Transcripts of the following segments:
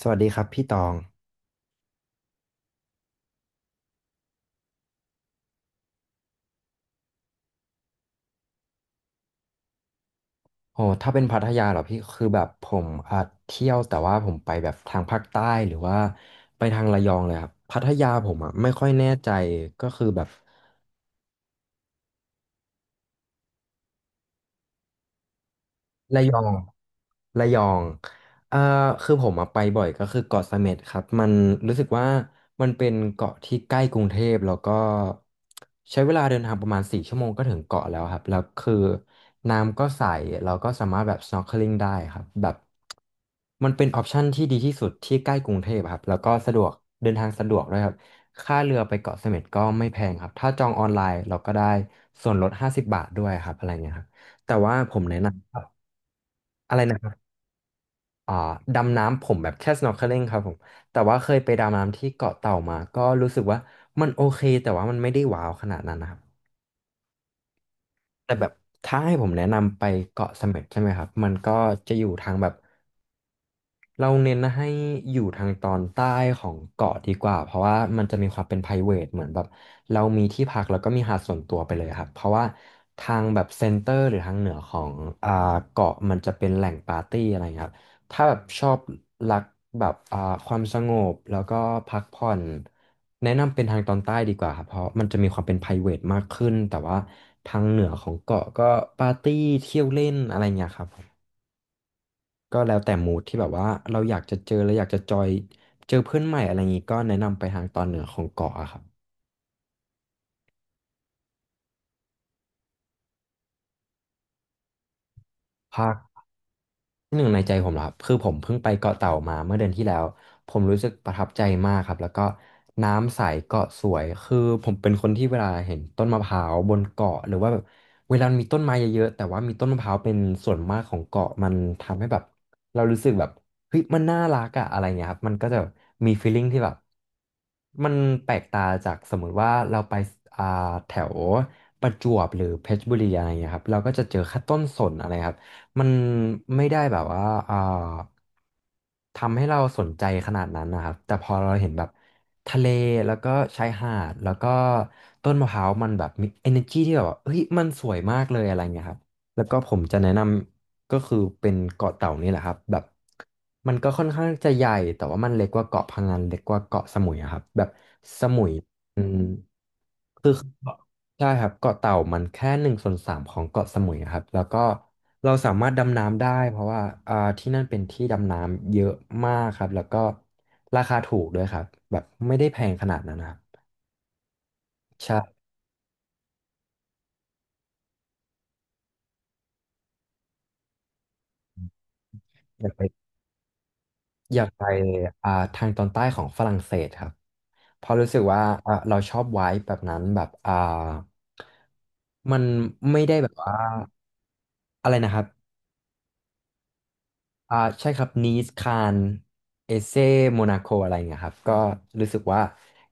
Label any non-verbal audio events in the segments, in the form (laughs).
สวัสดีครับพี่ตองโอ้ถ้าเป็นพัทยาเหรอพี่ คือแบบผมอ่ะเที่ยวแต่ว่าผมไปแบบทางภาคใต้หรือว่าไปทางระยองเลยครับ พัทยาผมอ่ะไม่ค่อยแน่ใจก็คือแบบ ระยองระยองเอ่อคือผมอะไปบ่อยก็คือเกาะเสม็ดครับมันรู้สึกว่ามันเป็นเกาะที่ใกล้กรุงเทพแล้วก็ใช้เวลาเดินทางประมาณ4 ชั่วโมงก็ถึงเกาะแล้วครับแล้วคือน้ำก็ใสเราก็สามารถแบบ snorkeling ได้ครับแบบมันเป็นออปชันที่ดีที่สุดที่ใกล้กรุงเทพอะครับแล้วก็สะดวกเดินทางสะดวกด้วยครับค่าเรือไปเกาะเสม็ดก็ไม่แพงครับถ้าจองออนไลน์เราก็ได้ส่วนลด50 บาทด้วยครับอะไรเงี้ยครับแต่ว่าผมแนะนำ อะไรนะครับอ่าดำน้ำผมแบบแค่ snorkeling ครับผม แต่ว่าเคยไปดำน้ำที่เกาะเต่ามาก็รู้สึกว่ามันโอเคแต่ว่ามันไม่ได้ว้าวขนาดนั้นนะครับ แต่แบบถ้าให้ผมแนะนำไปเกาะเสม็ดใช่ไหมครับ มันก็จะอยู่ทางแบบ เราเน้นให้อยู่ทางตอนใต้ของเกาะดีกว่าเพราะว่ามันจะมีความเป็น private เหมือนแบบเรามีที่พักแล้วก็มีหาดส่วนตัวไปเลยครับเพราะว่าทางแบบเซ็นเตอร์หรือทางเหนือของอ่าเกาะมันจะเป็นแหล่งปาร์ตี้อะไราเงี้ยครับถ้าแบบชอบรักแบบความสงบแล้วก็พักผ่อนแนะนำเป็นทางตอนใต้ดีกว่าครับเพราะมันจะมีความเป็น private มากขึ้นแต่ว่าทางเหนือของเกาะก็ปาร์ตี้เที่ยวเล่นอะไรอย่างเงี้ยครับ ก็แล้วแต่มูดที่แบบว่าเราอยากจะเจอเราอยากจะจอยเจอเพื่อนใหม่อะไรอย่างงี้ก็แนะนำไปทางตอนเหนือของเกาะอะครับภาค ที่หนึ่งในใจผมเหรอครับคือผมเพิ่งไปเกาะเต่ามาเมื่อเดือนที่แล้วผมรู้สึกประทับใจมากครับแล้วก็น้ำใสเกาะสวยคือผมเป็นคนที่เวลาเห็นต้นมะพร้าวบนเกาะหรือว่าแบบเวลามีต้นไม้เยอะๆแต่ว่ามีต้นมะพร้าวเป็นส่วนมากของเกาะมันทำให้แบบเรารู้สึกแบบเฮ้ยมันน่ารักอะอะไรเงี้ยครับมันก็จะมีฟีลลิ่งที่แบบมันแปลกตาจากสมมุติว่าเราไปอ่าแถวประจวบหรือเพชรบุรีอะไรเงี้ยครับเราก็จะเจอแค่ต้นสนอะไรครับ มันไม่ได้แบบว่าอ่าทำให้เราสนใจขนาดนั้นนะครับแต่พอเราเห็นแบบทะเลแล้วก็ชายหาดแล้วก็ต้นมะพร้าวมันแบบมี energy ที่แบบว่าเฮ้ยมันสวยมากเลยอะไรเงี้ยครับแล้วก็ผมจะแนะนำก็คือเป็นเกาะเต่านี่แหละครับแบบมันก็ค่อนข้างจะใหญ่แต่ว่ามันเล็กกว่าเกาะพะงันเล็กกว่าเกาะสมุยอะครับแบบสมุยอืม คือเกาะใช่ครับเกาะเต่ามันแค่1/3ของเกาะสมุยครับแล้วก็เราสามารถดำน้ำได้เพราะว่าที่นั่นเป็นที่ดำน้ำเยอะมากครับแล้วก็ราคาถูกด้วยครับแบบไม่ได้แพงขนาดนั้นนะครับใช่อยากไปอยากไปทางตอนใต้ของฝรั่งเศสครับเพราะรู้สึกว่าเราชอบไว้แบบนั้นแบบมันไม่ได้แบบว่าอะไรนะครับ อ่าใช่ครับนีสคานเอเซโมนาโคอะไรเงี้ยครับก็รู้สึกว่า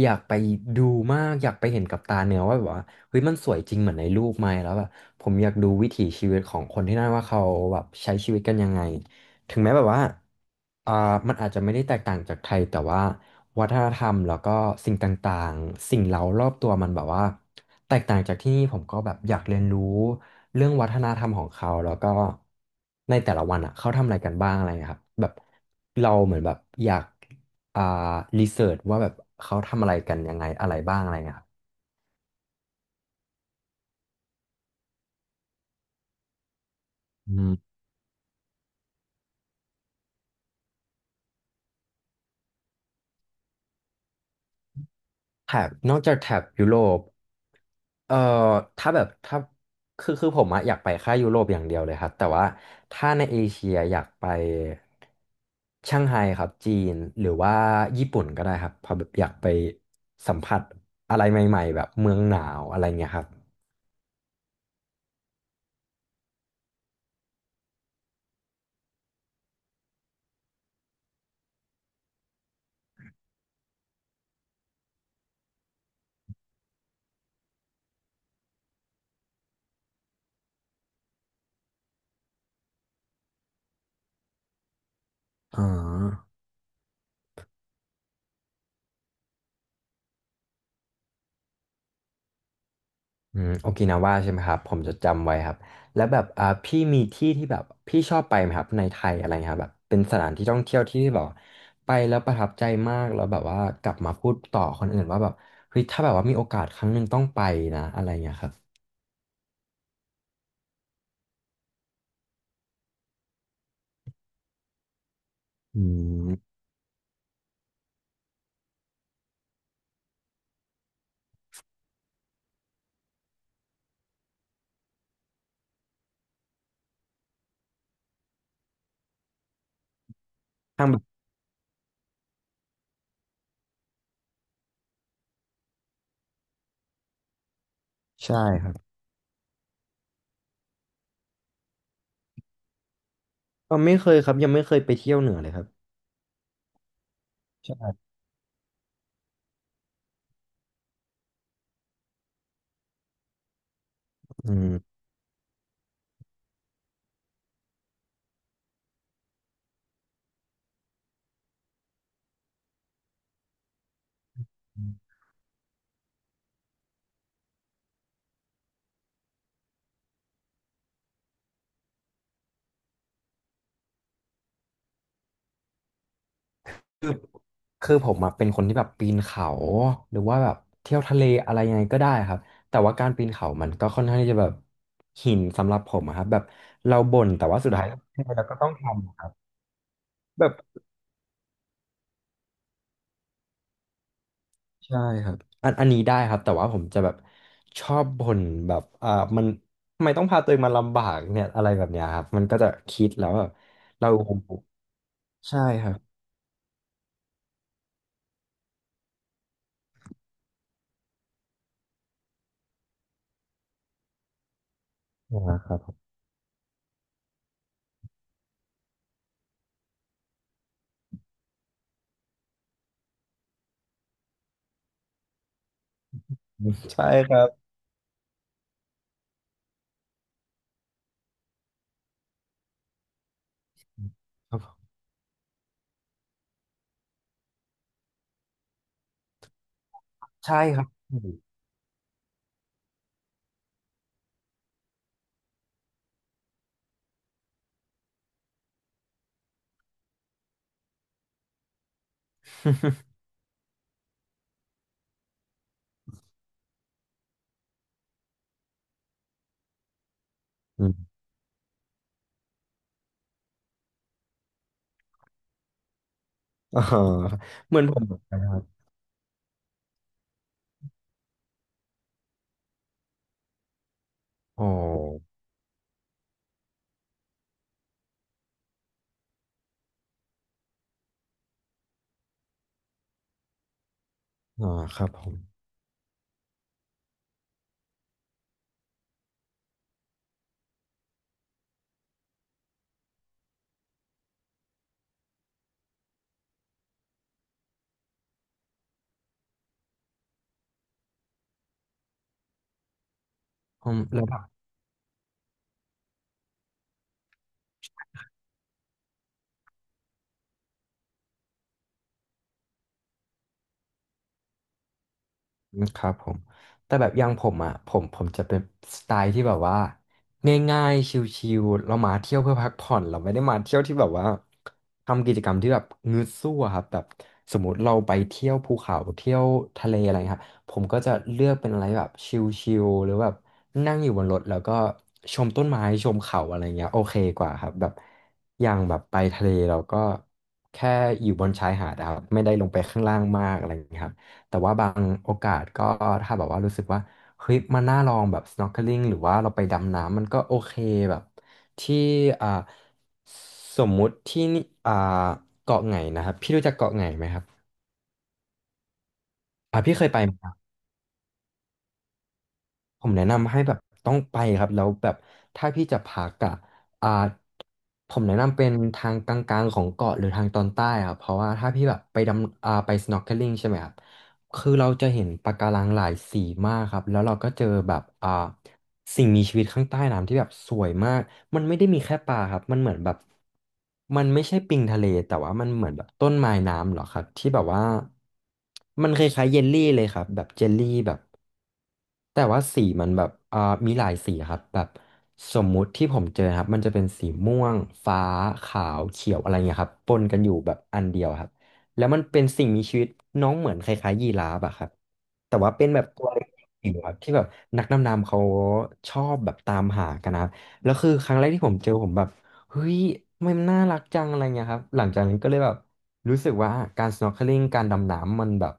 อยากไปดูมากอยากไปเห็นกับตาเนื้อว่าแบบว่าเฮ้ยมันสวยจริงเหมือนในรูปไหมแล้วแบบผมอยากดูวิถีชีวิตของคนที่นั่นว่าเขาแบบใช้ชีวิตกันยังไงถึงแม้แบบว่าอ่ามันอาจจะไม่ได้แตกต่างจากไทยแต่ว่าวัฒนธรรมแล้วก็สิ่งต่างๆสิ่งเร้ารอบตัวมันแบบว่าแตกต่างจากที่นี่ผมก็แบบอยากเรียนรู้ เรื่องวัฒนธรรมของเขาแล้วก็ในแต่ละวันอ่ะเขาทำอะไรกันบ้างอะไรเงี้ยครับแบบเราเหมือนแบบอยากอ่ารีเสิร์ชว่าแบบเขาทำอะไรกันยังไงอะไรบ้างอะไรเงี้ยครับอืมแถบนอกจากแถบยุโรปเอ่อถ้าแบบถ้าคือผมอะอยากไปแค่ยุโรปอย่างเดียวเลยครับแต่ว่าถ้าในเอเชียอยากไปช่างไฮครับจีนหรือว่าญี่ปุ่นก็ได้ครับเพอแบบอยากไปสัมผัสอะไรใหม่ๆแบบเมืองหนาวอะไรเงี้ยครับอ๋อ โอกินาว่าใช่ไหมครับผมจะจำไว้ครับแล้วแบบพี่มีที่ที่แบบพี่ชอบไปไหมครับในไทยอะไรเงี้ยครับแบบเป็นสถานที่ท่องเที่ยวที่แบบไปแล้วประทับใจมากแล้วแบบว่ากลับมาพูดต่อคนอื่นว่าแบบเฮ้ยถ้าแบบว่ามีโอกาสครั้งหนึ่งต้องไปนะอะไรเงี้ยครับอืมทางแบบใช่ครับก็ไม่เคยครับยังไม่เคยไปเที่ยวเหนือเลยครับใช่อืม คือผมอะเป็นคนที่แบบปีนเขาหรือว่าแบบเที่ยวทะเลอะไรยังไงก็ได้ครับแต่ว่าการปีนเขามันก็ค่อนข้างที่จะแบบหินสำหรับผมอะครับแบบเราบ่นแต่ว่าสุดท้ายครับแบบใช่ครับอันอันนี้ได้ครับแต่ว่าผมจะแบบชอบบ่นแบบมันทำไมต้องพาตัวเองมาลำบากเนี่ยอะไรแบบเนี้ยครับมันก็จะคิดแล้วแบบเราใช่ครับอ่ครับผมใช่ครับครับผมใช่ครับอืม (laughs) อ๋อเหมือนผมเหมือนกันครับอ๋อ อ๋อครับผมผมแล้ว อืมครับผมแต่แบบอย่างผมอ่ะผมจะเป็นสไตล์ที่แบบว่าง่ายๆชิลๆเรามาเที่ยวเพื่อพักผ่อนเราไม่ได้มาเที่ยวที่แบบว่าทำกิจกรรมที่แบบงึดสู้อะครับแบบสมมติเราไปเที่ยวภูเขาเที่ยวทะเลอะไรครับผมก็จะเลือกเป็นอะไรแบบชิลๆหรือแบบนั่งอยู่บนรถแล้วก็ชมต้นไม้ชมเขาอะไรเงี้ยโอเคกว่าครับแบบอย่างแบบไปทะเลเราก็แค่อยู่บนชายหาดอะครับไม่ได้ลงไปข้างล่างมากอะไรเงี้ยครับ แต่ว่าบางโอกาสก็ถ้าแบบว่ารู้สึกว่าเฮ้ยมันน่าลองแบบ snorkeling หรือว่าเราไปดำน้ำมันก็โอเคแบบที่อ่าสมมุติที่นี่เกาะไหนนะครับพี่รู้จักเกาะไหนไหมครับพี่เคยไปไหม ผมแนะนำให้แบบต้องไปครับแล้วแบบถ้าพี่จะพักอ่ะอ่าผมแนะนำเป็นทางกลางๆของเกาะหรือทางตอนใต้ครับเพราะว่าถ้าพี่แบบไปดำไป snorkeling ใช่ไหมครับคือเราจะเห็นปะการังหลายสีมากครับแล้วเราก็เจอแบบสิ่งมีชีวิตข้างใต้น้ำที่แบบสวยมากมันไม่ได้มีแค่ปลาครับมันเหมือนแบบมันไม่ใช่ปิงทะเลแต่ว่ามันเหมือนแบบต้นไม้น้ำเหรอครับที่แบบว่ามันคล้ายๆเยลลี่เลยครับแบบเจลลี่แบบ แต่ว่าสีมันแบบมีหลายสีครับแบบสมมุติที่ผมเจอครับมันจะเป็นสีม่วงฟ้าขาวเขียวอะไรเงี้ยครับปนกันอยู่แบบอันเดียวครับแล้วมันเป็นสิ่งมีชีวิตน้องเหมือนคล้ายๆยีราฟอะครับแต่ว่าเป็นแบบตัวเล็กจิ๋วครับที่แบบนักดำน้ำเขาชอบแบบตามหากันนะครับแล้วคือครั้งแรกที่ผมเจอผมแบบ เฮ้ยมันน่ารักจังอะไรเงี้ยครับหลังจากนั้นก็เลยแบบรู้สึกว่าการ snorkeling การดำน้ำมันแบบ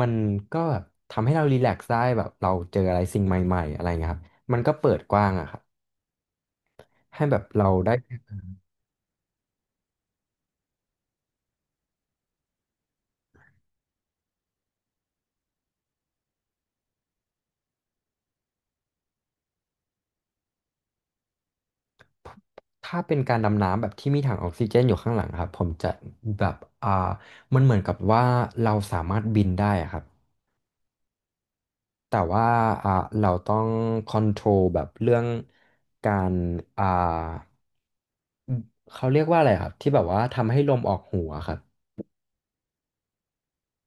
มันก็แบบทำให้เรารีแลกซ์ได้แบบเราเจออะไรสิ่งใหม่ๆอะไรเงี้ยครับมันก็เปิดกว้างอะครับให้แบบเราได้ถ้าเป็นการดำน้ำแบบที่มีถังออกซิเจนอยู่ข้างหลังครับผมจะแบบอ่ามันเหมือนกับว่าเราสามารถบินได้อะครับ แต่ว่าอ่าเราต้องคอนโทรลแบบเรื่องการอ่าเขาเรียกว่าอะไรครับที่แบบว่าทำให้ลมออกหูอะครับ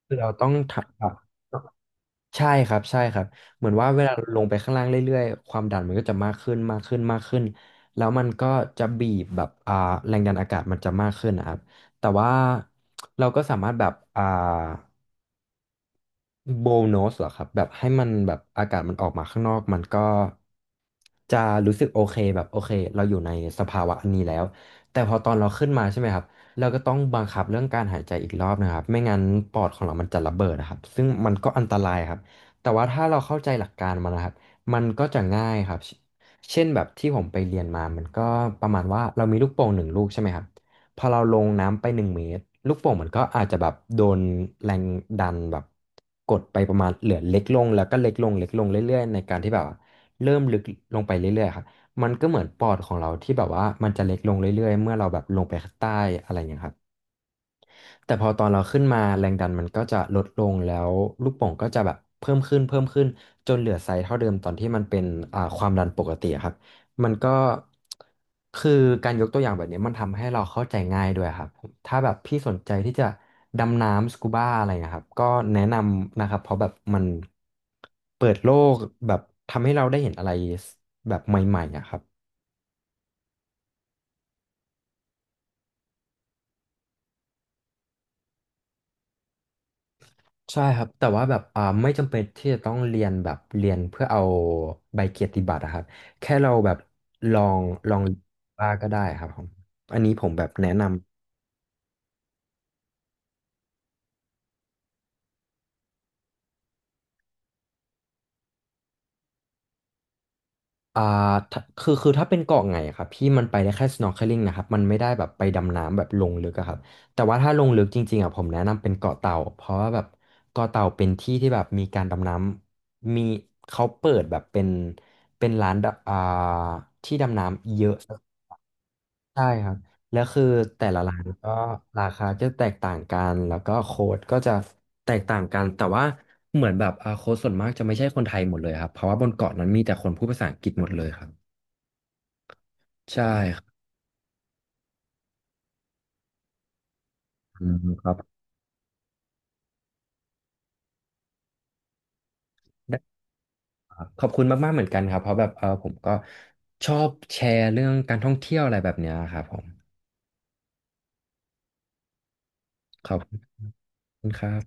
คือเราต้องทำแบบใช่ครับใช่ครับเหมือนว่าเวลาลงไปข้างล่างเรื่อยๆความดันมันก็จะมากขึ้นมากขึ้นมากขึ้นแล้วมันก็จะบีบแบบแรงดันอากาศมันจะมากขึ้นนะครับแต่ว่าเราก็สามารถแบบโบน s สเหรอครับแบบให้มันแบบอากาศมันออกมาข้างนอกมันก็จะรู้สึกโอเคแบบโอเคเราอยู่ในสภาวะอันนี้แล้วแต่พอตอนเราขึ้นมาใช่ไหมครับเราก็ต้องบังคับเรื่องการหายใจอีกรอบนะครับไม่งั้นปอดของเรามันจะระเบิดนะครับซึ่งมันก็อันตรายครับแต่ว่าถ้าเราเข้าใจหลักการมันนะครับมันก็จะง่ายครับเช่นแบบที่ผมไปเรียนมามันก็ประมาณว่าเรามีลูกโป่ง1 ลูกใช่ไหมครับ พอเราลงน้ำไป1 เมตรลูกโป่งมันก็อาจจะแบบโดนแรงดันแบบกดไปประมาณเหลือเล็กลงแล้วก็เล็กลงเล็กลงเรื่อยๆในการที่แบบว่าเริ่มลึกลงไปเรื่อยๆครับมันก็เหมือนปอดของเราที่แบบว่ามันจะเล็กลงเรื่อยๆเมื่อเราแบบลงไปข้างใต้อะไรอย่างเงี้ยครับ แต่พอตอนเราขึ้นมาแรงดันมันก็จะลดลงแล้วลูกโป่งก็จะแบบเพิ่มขึ้นเพิ่มขึ้นจนเหลือไซส์เท่าเดิมตอนที่มันเป็นความดันปกติอะครับมันก็คือการยกตัวอย่างแบบนี้มันทำให้เราเข้าใจง่ายด้วยครับถ้าแบบพี่สนใจที่จะดำน้ำสกูบ้าอะไรนะครับก็แนะนำนะครับเพราะแบบมันเปิดโลกแบบทำให้เราได้เห็นอะไรแบบใหม่ๆอะครับ ใช่ครับแต่ว่าแบบไม่จำเป็นที่จะต้องเรียนแบบเรียนเพื่อเอาใบเกียรติบัตรอะครับแค่เราแบบลองลองบ้างก็ได้ครับผมอันนี้ผมแบบแนะนำอ่าถ้าคือถ้าเป็นเกาะไงอะครับพี่มันไปได้แค่ snorkeling นะครับมันไม่ได้แบบไปดำน้ำแบบลงลึกอะครับแต่ว่าถ้าลงลึกจริงๆอะผมแนะนำเป็นเกาะเต่าเพราะว่าแบบเกาะเต่าเป็นที่ที่แบบมีการดำน้ำมีเขาเปิดแบบเป็นร้านดำที่ดำน้ำเยอะ ใช่ครับแล้วคือแต่ละร้านก็ราคาจะแตกต่างกันแล้วก็โค้ดก็จะแตกต่างกันแต่ว่าเหมือนแบบโค้ดส่วนมากจะไม่ใช่คนไทยหมดเลยครับเพราะว่าบนเกาะนั้นมีแต่คนพูดภาษาอังกฤษหมดเลยครับใช่ครับอืมครับได้ครับขอบคุณมากๆเหมือนกันครับเพราะแบบผมก็ชอบแชร์เรื่องการท่องเที่ยวอะไรแบบเนี้ยครับผมขอบคุณครับ